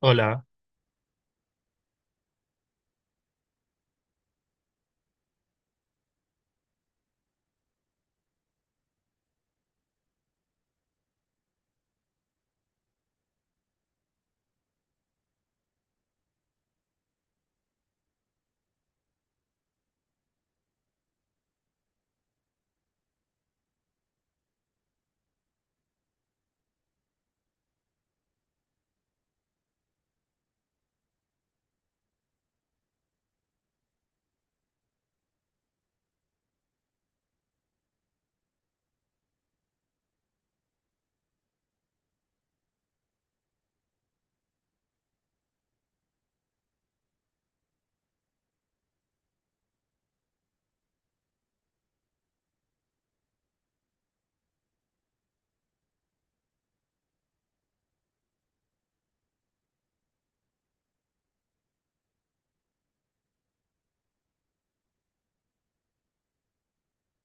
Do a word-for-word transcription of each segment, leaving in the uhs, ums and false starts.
Hola,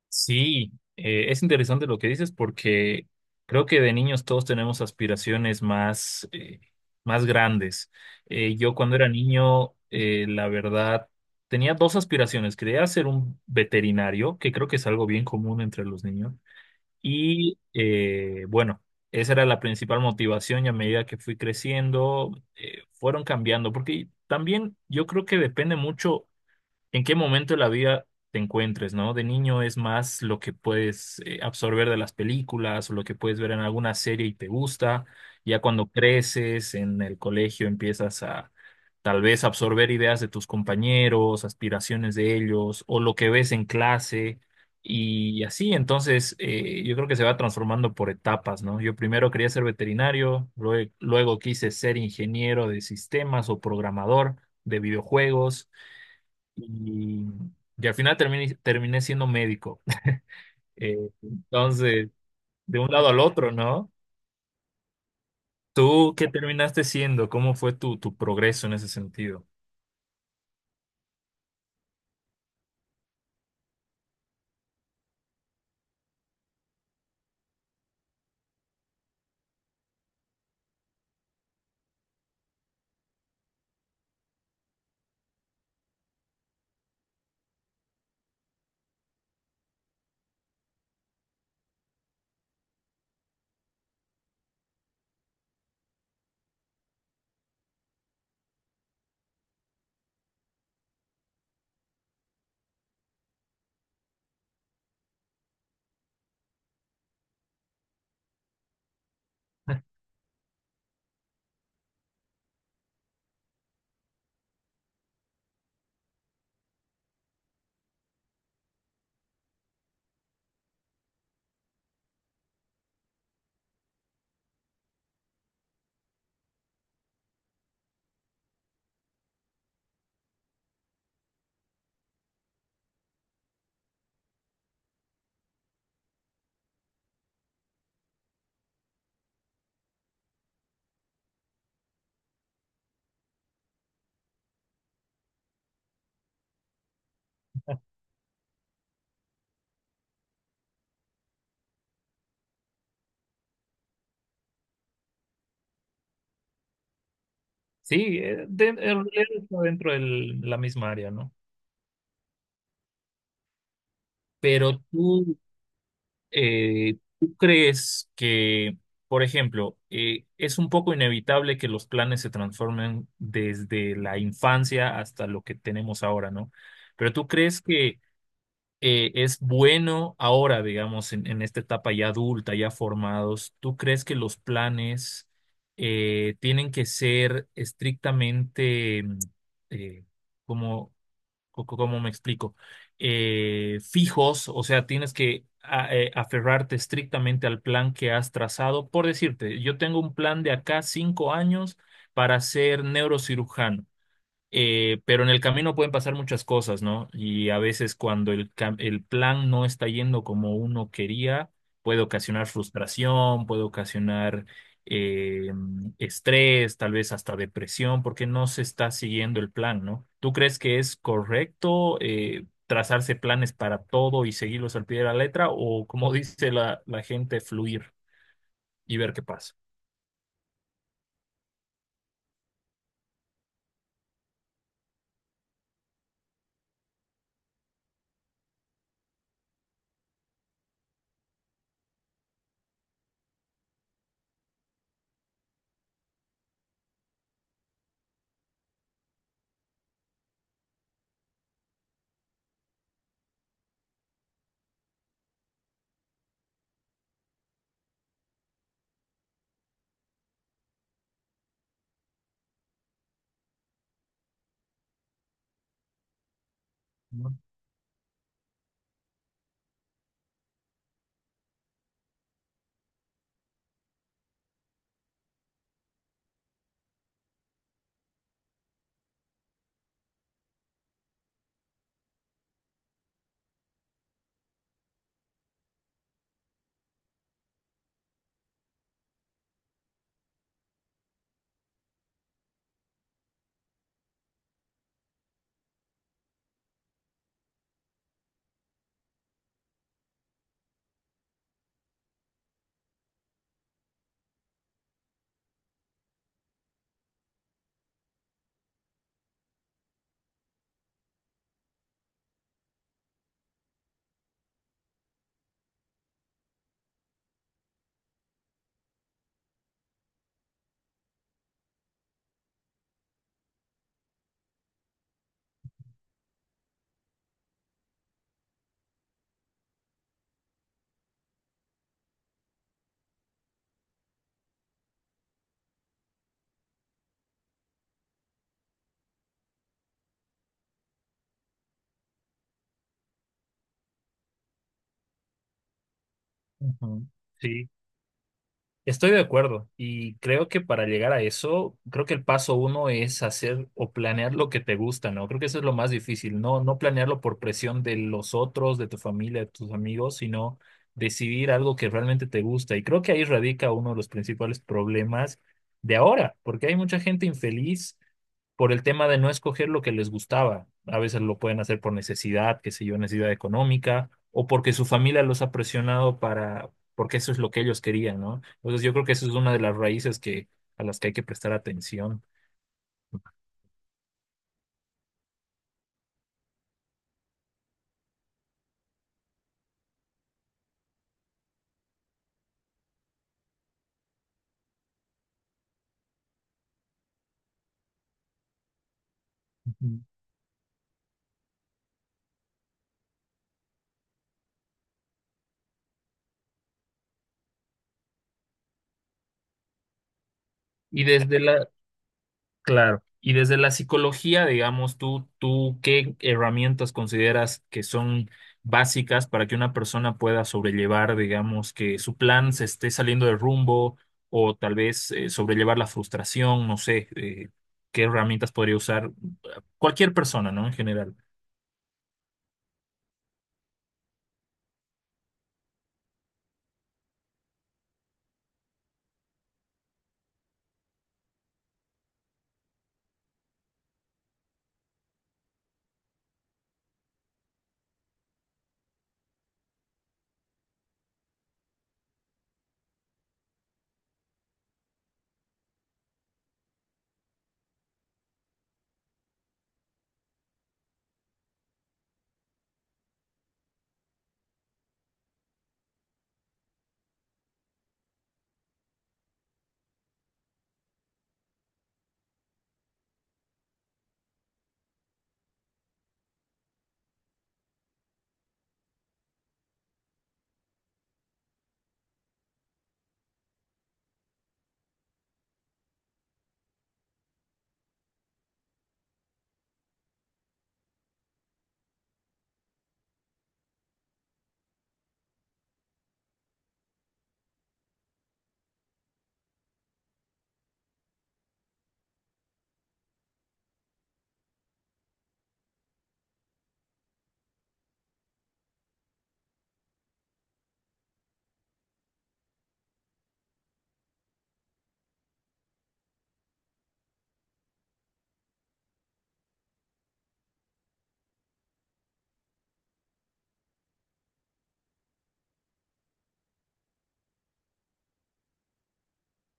sí, eh, es interesante lo que dices porque creo que de niños todos tenemos aspiraciones más, eh, más grandes. Eh, yo cuando era niño, eh, la verdad, tenía dos aspiraciones. Quería ser un veterinario, que creo que es algo bien común entre los niños. Y eh, bueno, esa era la principal motivación y a medida que fui creciendo, eh, fueron cambiando, porque también yo creo que depende mucho en qué momento de la vida te encuentres, ¿no? De niño es más lo que puedes eh, absorber de las películas o lo que puedes ver en alguna serie y te gusta. Ya cuando creces en el colegio empiezas a tal vez absorber ideas de tus compañeros, aspiraciones de ellos o lo que ves en clase. Y así, entonces, eh, yo creo que se va transformando por etapas, ¿no? Yo primero quería ser veterinario, lue- luego quise ser ingeniero de sistemas o programador de videojuegos. Y, y al final terminé, terminé siendo médico. Eh, entonces, de un lado al otro, ¿no? ¿Tú qué terminaste siendo? ¿Cómo fue tu, tu progreso en ese sentido? Sí, eh, de- en realidad está dentro de la misma área, ¿no? Pero tú, eh, ¿tú crees que, por ejemplo, eh, es un poco inevitable que los planes se transformen desde la infancia hasta lo que tenemos ahora, ¿no? Pero tú crees que eh, es bueno ahora, digamos, en, en esta etapa ya adulta, ya formados, ¿tú crees que los planes eh, tienen que ser estrictamente, mm, eh, como, co- co- cómo me explico? Eh, ¿fijos? O sea, tienes que a- eh, aferrarte estrictamente al plan que has trazado. Por decirte, yo tengo un plan de acá cinco años para ser neurocirujano. Eh, pero en el camino pueden pasar muchas cosas, ¿no? Y a veces cuando el, cam- el plan no está yendo como uno quería, puede ocasionar frustración, puede ocasionar eh, estrés, tal vez hasta depresión, porque no se está siguiendo el plan, ¿no? ¿Tú crees que es correcto eh, trazarse planes para todo y seguirlos al pie de la letra o, como dice la, la gente, fluir y ver qué pasa? ¿No? Ujú. Sí. Estoy de acuerdo y creo que para llegar a eso, creo que el paso uno es hacer o planear lo que te gusta, ¿no? Creo que eso es lo más difícil, no, no planearlo por presión de los otros, de tu familia, de tus amigos, sino decidir algo que realmente te gusta. Y creo que ahí radica uno de los principales problemas de ahora, porque hay mucha gente infeliz por el tema de no escoger lo que les gustaba. A veces lo pueden hacer por necesidad, qué sé yo, necesidad económica, o porque su familia los ha presionado para, porque eso es lo que ellos querían, ¿no? Entonces yo creo que eso es una de las raíces que, a las que hay que prestar atención. Ujú. Y desde la, Claro. Y desde la psicología, digamos, tú, tú, ¿qué herramientas consideras que son básicas para que una persona pueda sobrellevar, digamos, que su plan se esté saliendo de rumbo o tal vez eh, sobrellevar la frustración? No sé, eh, ¿qué herramientas podría usar cualquier persona, ¿no? En general.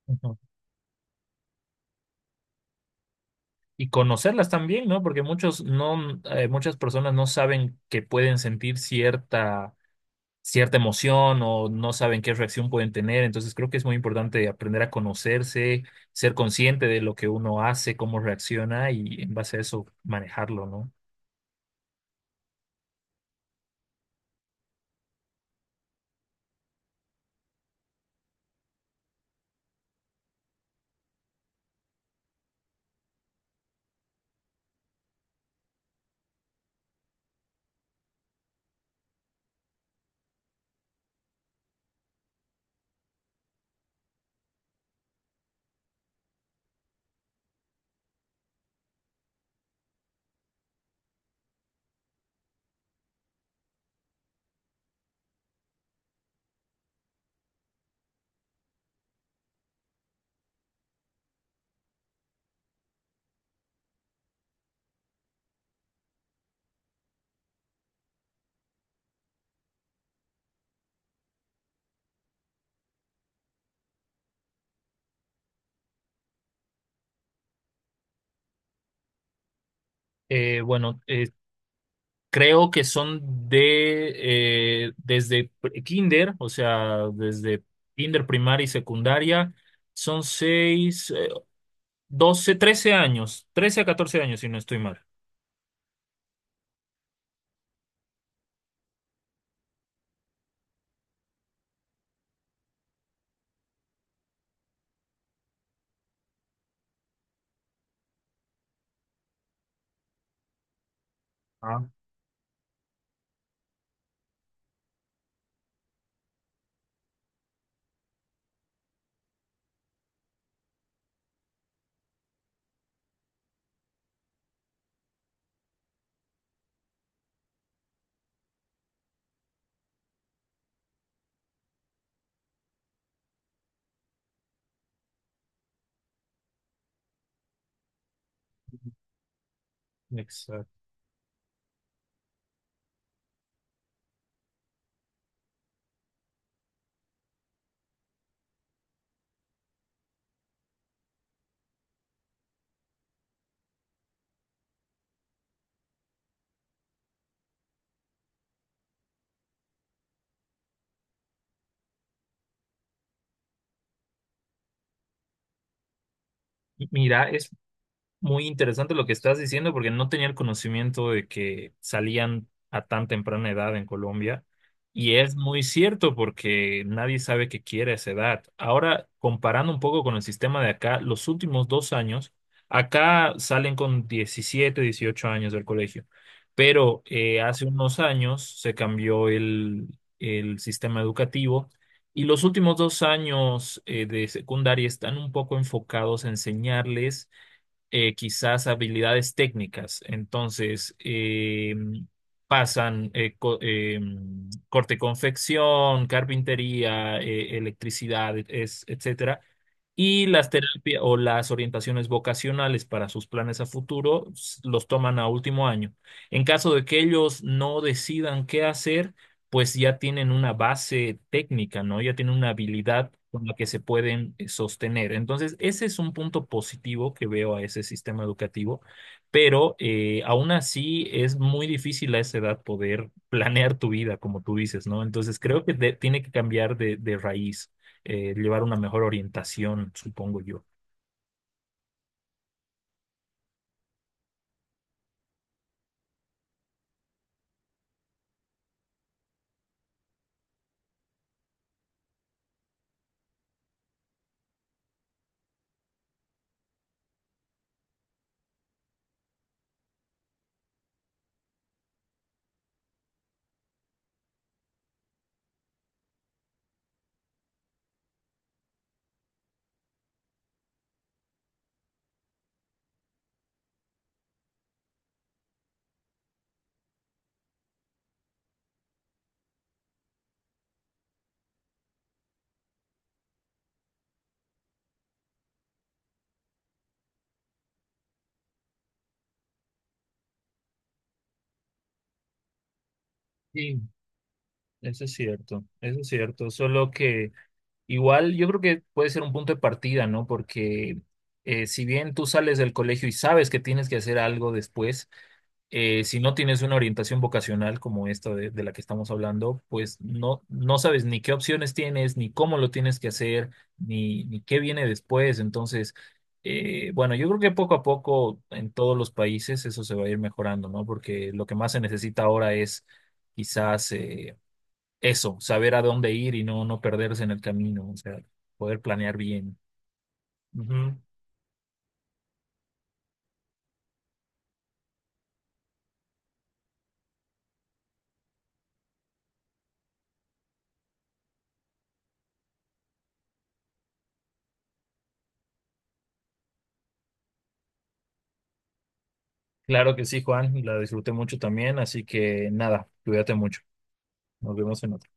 Ujú. Y conocerlas también, ¿no? Porque muchos no, eh, muchas personas no saben que pueden sentir cierta cierta emoción o no saben qué reacción pueden tener. Entonces creo que es muy importante aprender a conocerse, ser consciente de lo que uno hace, cómo reacciona y en base a eso manejarlo, ¿no? Eh, bueno, eh, creo que son de eh, desde pre- kinder, o sea, desde kinder primaria y secundaria, son seis, eh, doce, trece años, trece a catorce años si no estoy mal. Ah, exacto. Mira, es muy interesante lo que estás diciendo porque no tenía el conocimiento de que salían a tan temprana edad en Colombia y es muy cierto porque nadie sabe qué quiere a esa edad. Ahora, comparando un poco con el sistema de acá, los últimos dos años, acá salen con diecisiete dieciocho años del colegio, pero eh, hace unos años se cambió el, el sistema educativo. Y los últimos dos años eh, de secundaria están un poco enfocados a enseñarles eh, quizás habilidades técnicas. Entonces, eh, pasan eh, co- eh, corte confección, carpintería, eh, electricidad, es, etcétera. Y las terapias o las orientaciones vocacionales para sus planes a futuro s- los toman a último año. En caso de que ellos no decidan qué hacer, pues ya tienen una base técnica, ¿no? Ya tienen una habilidad con la que se pueden eh, sostener. Entonces, ese es un punto positivo que veo a ese sistema educativo, pero eh, aún así es muy difícil a esa edad poder planear tu vida, como tú dices, ¿no? Entonces, creo que de- tiene que cambiar de de raíz eh, llevar una mejor orientación, supongo yo. Sí, eso es cierto, eso es cierto. Solo que igual yo creo que puede ser un punto de partida, ¿no? Porque eh, si bien tú sales del colegio y sabes que tienes que hacer algo después, eh, si no tienes una orientación vocacional como esta de, de la que estamos hablando, pues no, no sabes ni qué opciones tienes, ni cómo lo tienes que hacer, ni, ni qué viene después. Entonces, eh, bueno, yo creo que poco a poco en todos los países eso se va a ir mejorando, ¿no? Porque lo que más se necesita ahora es quizás eh, eso, saber a dónde ir y no, no perderse en el camino, o sea, poder planear bien. Ujú. Claro que sí, Juan, la disfruté mucho también, así que nada, cuídate mucho. Nos vemos en otra.